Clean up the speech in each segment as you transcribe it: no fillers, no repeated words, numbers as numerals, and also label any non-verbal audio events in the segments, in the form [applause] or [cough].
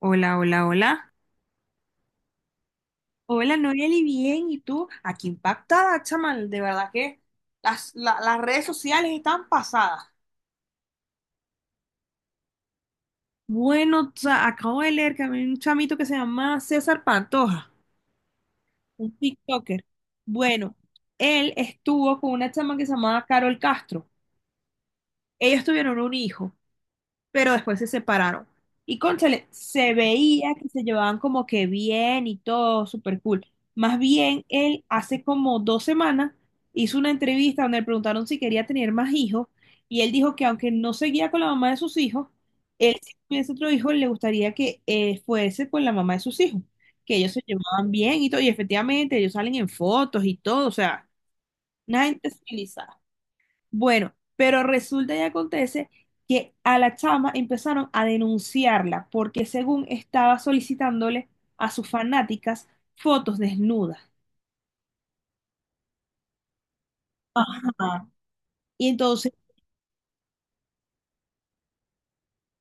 Hola, hola, hola. Hola, Noeli, bien. ¿Y tú? Aquí impactada, chaval. De verdad que las redes sociales están pasadas. Bueno, o sea, acabo de leer que había un chamito que se llama César Pantoja, un TikToker. Bueno, él estuvo con una chama que se llamaba Carol Castro. Ellos tuvieron un hijo, pero después se separaron. Y cónchale, se veía que se llevaban como que bien y todo, súper cool. Más bien, él hace como 2 semanas hizo una entrevista donde le preguntaron si quería tener más hijos y él dijo que aunque no seguía con la mamá de sus hijos, él si tuviese otro hijo le gustaría que fuese con la mamá de sus hijos, que ellos se llevaban bien y todo, y efectivamente ellos salen en fotos y todo, o sea, una gente civilizada. Bueno, pero resulta y acontece que a la chama empezaron a denunciarla porque según estaba solicitándole a sus fanáticas fotos desnudas. Ajá. Y entonces,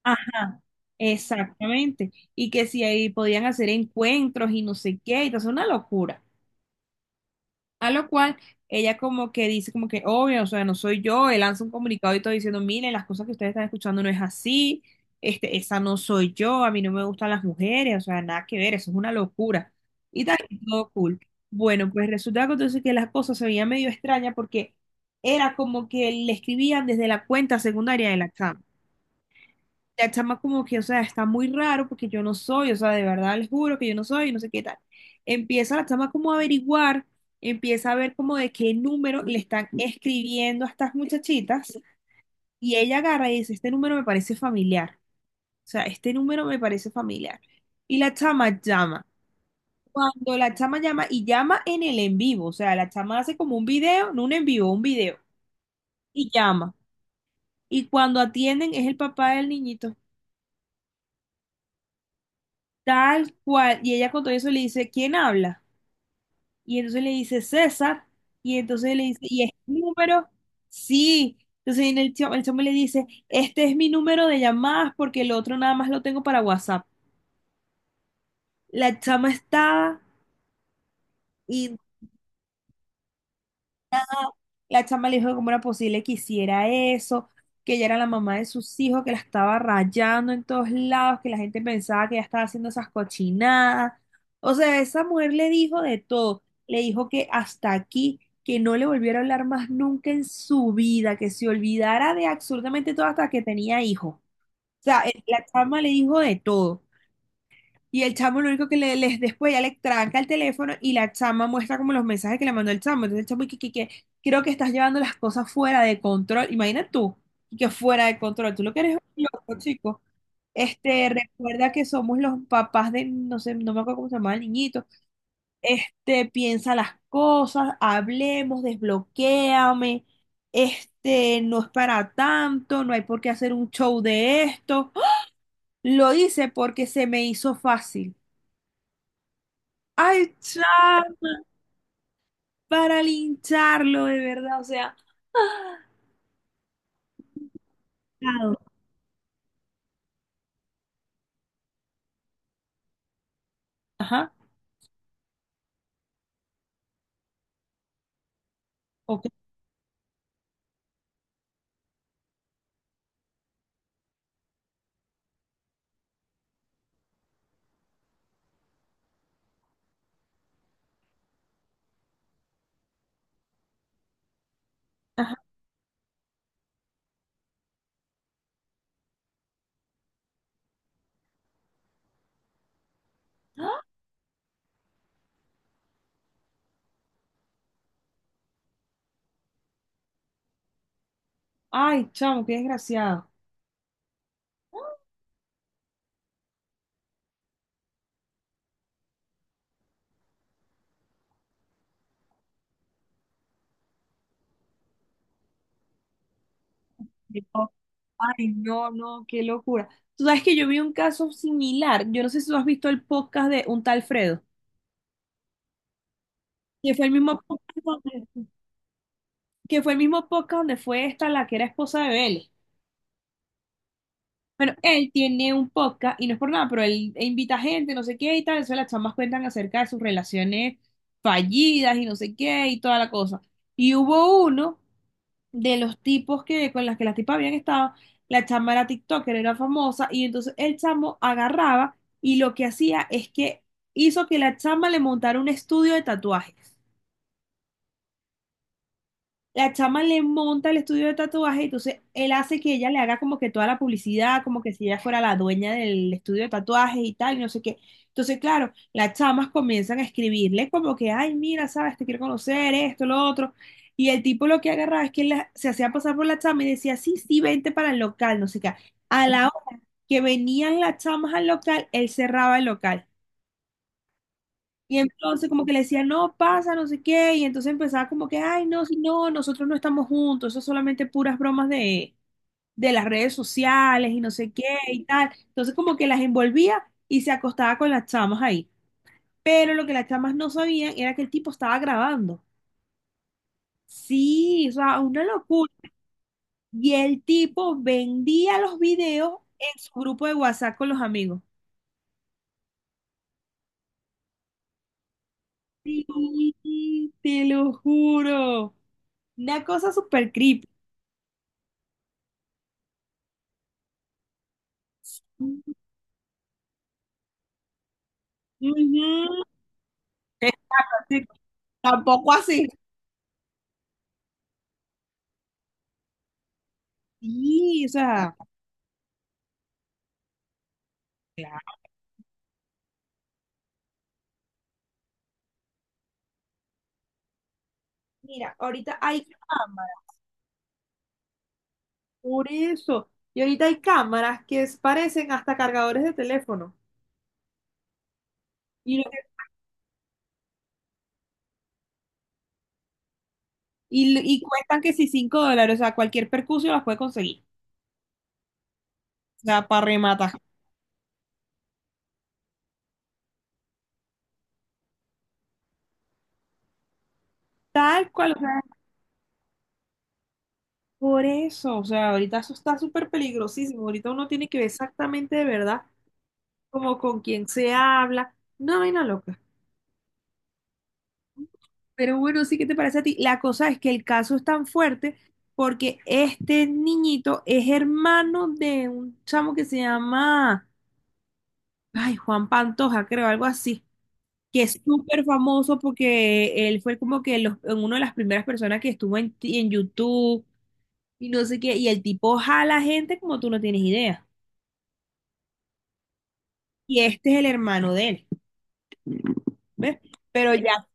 ajá, exactamente. Y que si ahí podían hacer encuentros y no sé qué, y entonces una locura. A lo cual ella como que dice como que, obvio, o sea, no soy yo, él lanza un comunicado y todo diciendo, miren, las cosas que ustedes están escuchando no es así, este, esa no soy yo, a mí no me gustan las mujeres, o sea, nada que ver, eso es una locura. Y tal, y todo cool. Bueno, pues resulta que entonces que las cosas se veían medio extrañas porque era como que le escribían desde la cuenta secundaria de la chama como que, o sea, está muy raro porque yo no soy, o sea, de verdad les juro que yo no soy, no sé qué tal. Empieza la chama como a averiguar, empieza a ver como de qué número le están escribiendo a estas muchachitas y ella agarra y dice, este número me parece familiar, o sea, este número me parece familiar. Y la chama llama. Cuando la chama llama y llama en el en vivo, o sea, la chama hace como un video, no un en vivo, un video, y llama. Y cuando atienden es el papá del niñito. Tal cual. Y ella con todo eso le dice, ¿quién habla? Y entonces le dice, César. Y entonces le dice, ¿y es mi número? Sí. Entonces viene el chamo le dice, este es mi número de llamadas porque el otro nada más lo tengo para WhatsApp. La chama estaba y la chama le dijo que cómo era posible que hiciera eso, que ella era la mamá de sus hijos, que la estaba rayando en todos lados, que la gente pensaba que ella estaba haciendo esas cochinadas. O sea, esa mujer le dijo de todo. Le dijo que hasta aquí, que no le volviera a hablar más nunca en su vida, que se olvidara de absolutamente todo hasta que tenía hijo. O sea, la chama le dijo de todo. Y el chamo lo único que le, les después ya le tranca el teléfono y la chama muestra como los mensajes que le mandó el chamo. Entonces el chamo y que, creo que estás llevando las cosas fuera de control. Imagina tú, y que fuera de control. Tú lo que eres es un loco, chico. Este, recuerda que somos los papás de, no sé, no me acuerdo cómo se llama el niñito. Este, piensa las cosas, hablemos, desbloquéame. Este, no es para tanto, no hay por qué hacer un show de esto. ¡Oh! Lo hice porque se me hizo fácil. Ay, ya, para lincharlo, de verdad, o sea, claro, ajá, ok, ajá. Ay, chamo, qué desgraciado. Yo, ay, no, no, qué locura. Tú sabes que yo vi un caso similar. Yo no sé si tú has visto el podcast de un tal Fredo, que fue el mismo podcast donde, que fue el mismo podcast donde fue esta la que era esposa de Vélez. Bueno, él tiene un podcast y no es por nada, pero él invita gente, no sé qué y tal. Entonces las chamas cuentan acerca de sus relaciones fallidas y no sé qué y toda la cosa. Y hubo uno de los tipos que con las tipas habían estado, la chama era TikToker, era famosa y entonces el chamo agarraba y lo que hacía es que hizo que la chama le montara un estudio de tatuajes. La chama le monta el estudio de tatuaje, entonces él hace que ella le haga como que toda la publicidad, como que si ella fuera la dueña del estudio de tatuajes y tal, y no sé qué. Entonces, claro, las chamas comienzan a escribirle como que, ay, mira, sabes, te quiero conocer, esto, lo otro. Y el tipo lo que agarraba es que se hacía pasar por la chama y decía, sí, sí, vente para el local, no sé qué. A la hora que venían las chamas al local, él cerraba el local. Y entonces como que le decía, no pasa, no sé qué, y entonces empezaba como que, ay, no, si no, nosotros no estamos juntos, eso es solamente puras bromas de las redes sociales y no sé qué y tal. Entonces como que las envolvía y se acostaba con las chamas ahí. Pero lo que las chamas no sabían era que el tipo estaba grabando. Sí, o sea, una locura. Y el tipo vendía los videos en su grupo de WhatsApp con los amigos. Sí, te lo juro. Una cosa súper creepy. Ujú, sí, tampoco así. Sí, o sea, claro, mira, ahorita hay cámaras, por eso. Y ahorita hay cámaras que parecen hasta cargadores de teléfono. Y, y cuestan que si $5, o sea, cualquier percusión las puede conseguir. O sea, para rematar. Tal cual, o sea, por eso. O sea, ahorita eso está súper peligrosísimo. Ahorita uno tiene que ver exactamente de verdad como con quién se habla. No, vaina loca. Pero bueno, sí, ¿qué te parece a ti? La cosa es que el caso es tan fuerte porque este niñito es hermano de un chamo que se llama, ay, Juan Pantoja, creo, algo así, que es súper famoso porque él fue como que los, en una de las primeras personas que estuvo en, en YouTube y no sé qué, y el tipo jala gente como tú no tienes idea. Y este es el hermano de él, ¿ves? Pero ya,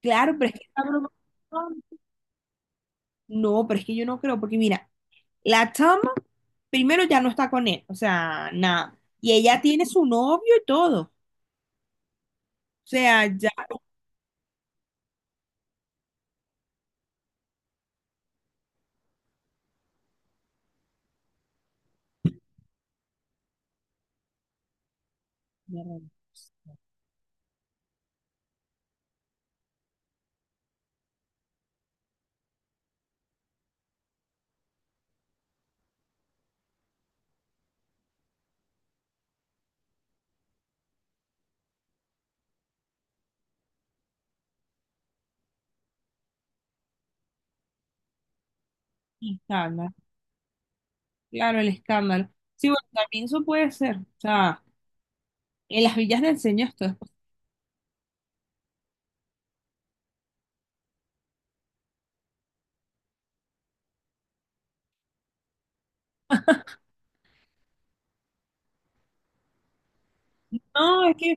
claro, pero es que esta no, pero es que yo no creo, porque mira, la chama primero ya no está con él, o sea, nada. Y ella tiene su novio y todo. O sea, ya. Sí, escándalo, claro, el escándalo. Sí, bueno, también eso puede ser. O sea, en las villas del señor esto después. No, es que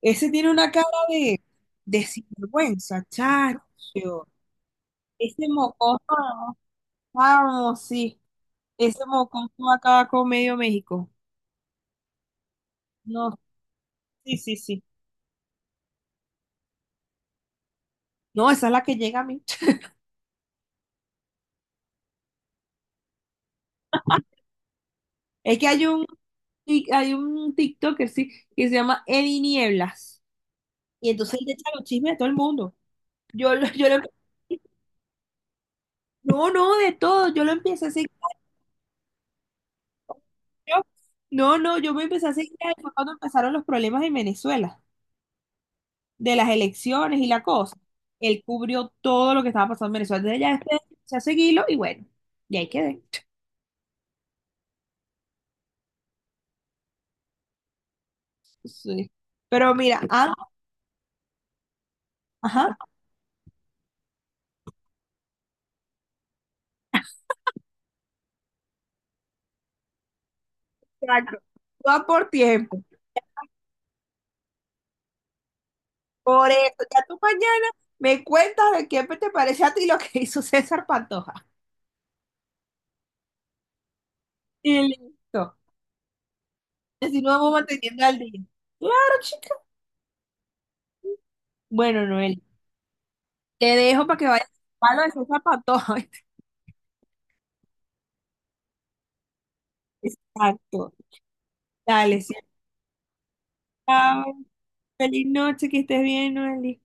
ese tiene una cara de sinvergüenza, chacho. Ese mocoso, vamos, sí. Ese mocoso acaba con medio México. No, sí, sí, sí. No, esa es la que llega a mí. Es que hay un, hay un TikToker, sí, que se llama Eddie Nieblas. Y entonces él le echa los chismes a todo el mundo. Yo, lo- yo lo- no, no, de todo. Yo lo empecé a seguir. Yo- no, no, yo me empecé a seguir a él fue cuando empezaron los problemas en Venezuela, de las elecciones y la cosa. Él cubrió todo lo que estaba pasando en Venezuela. Entonces ya después empecé a seguirlo y bueno, y ahí quedé. Sí. Pero mira, ah, ajá, exacto. Va por tiempo. Por eso, ya tú mañana me cuentas de qué te parece a ti lo que [laughs] hizo César Pantoja. Y listo. Así nos vamos manteniendo al día. Claro, chica. Bueno, Noel, te dejo para que vayas a lo de César Pantoja. [laughs] Exacto. Dale, si acabas. Feliz noche, que estés bien, Noel.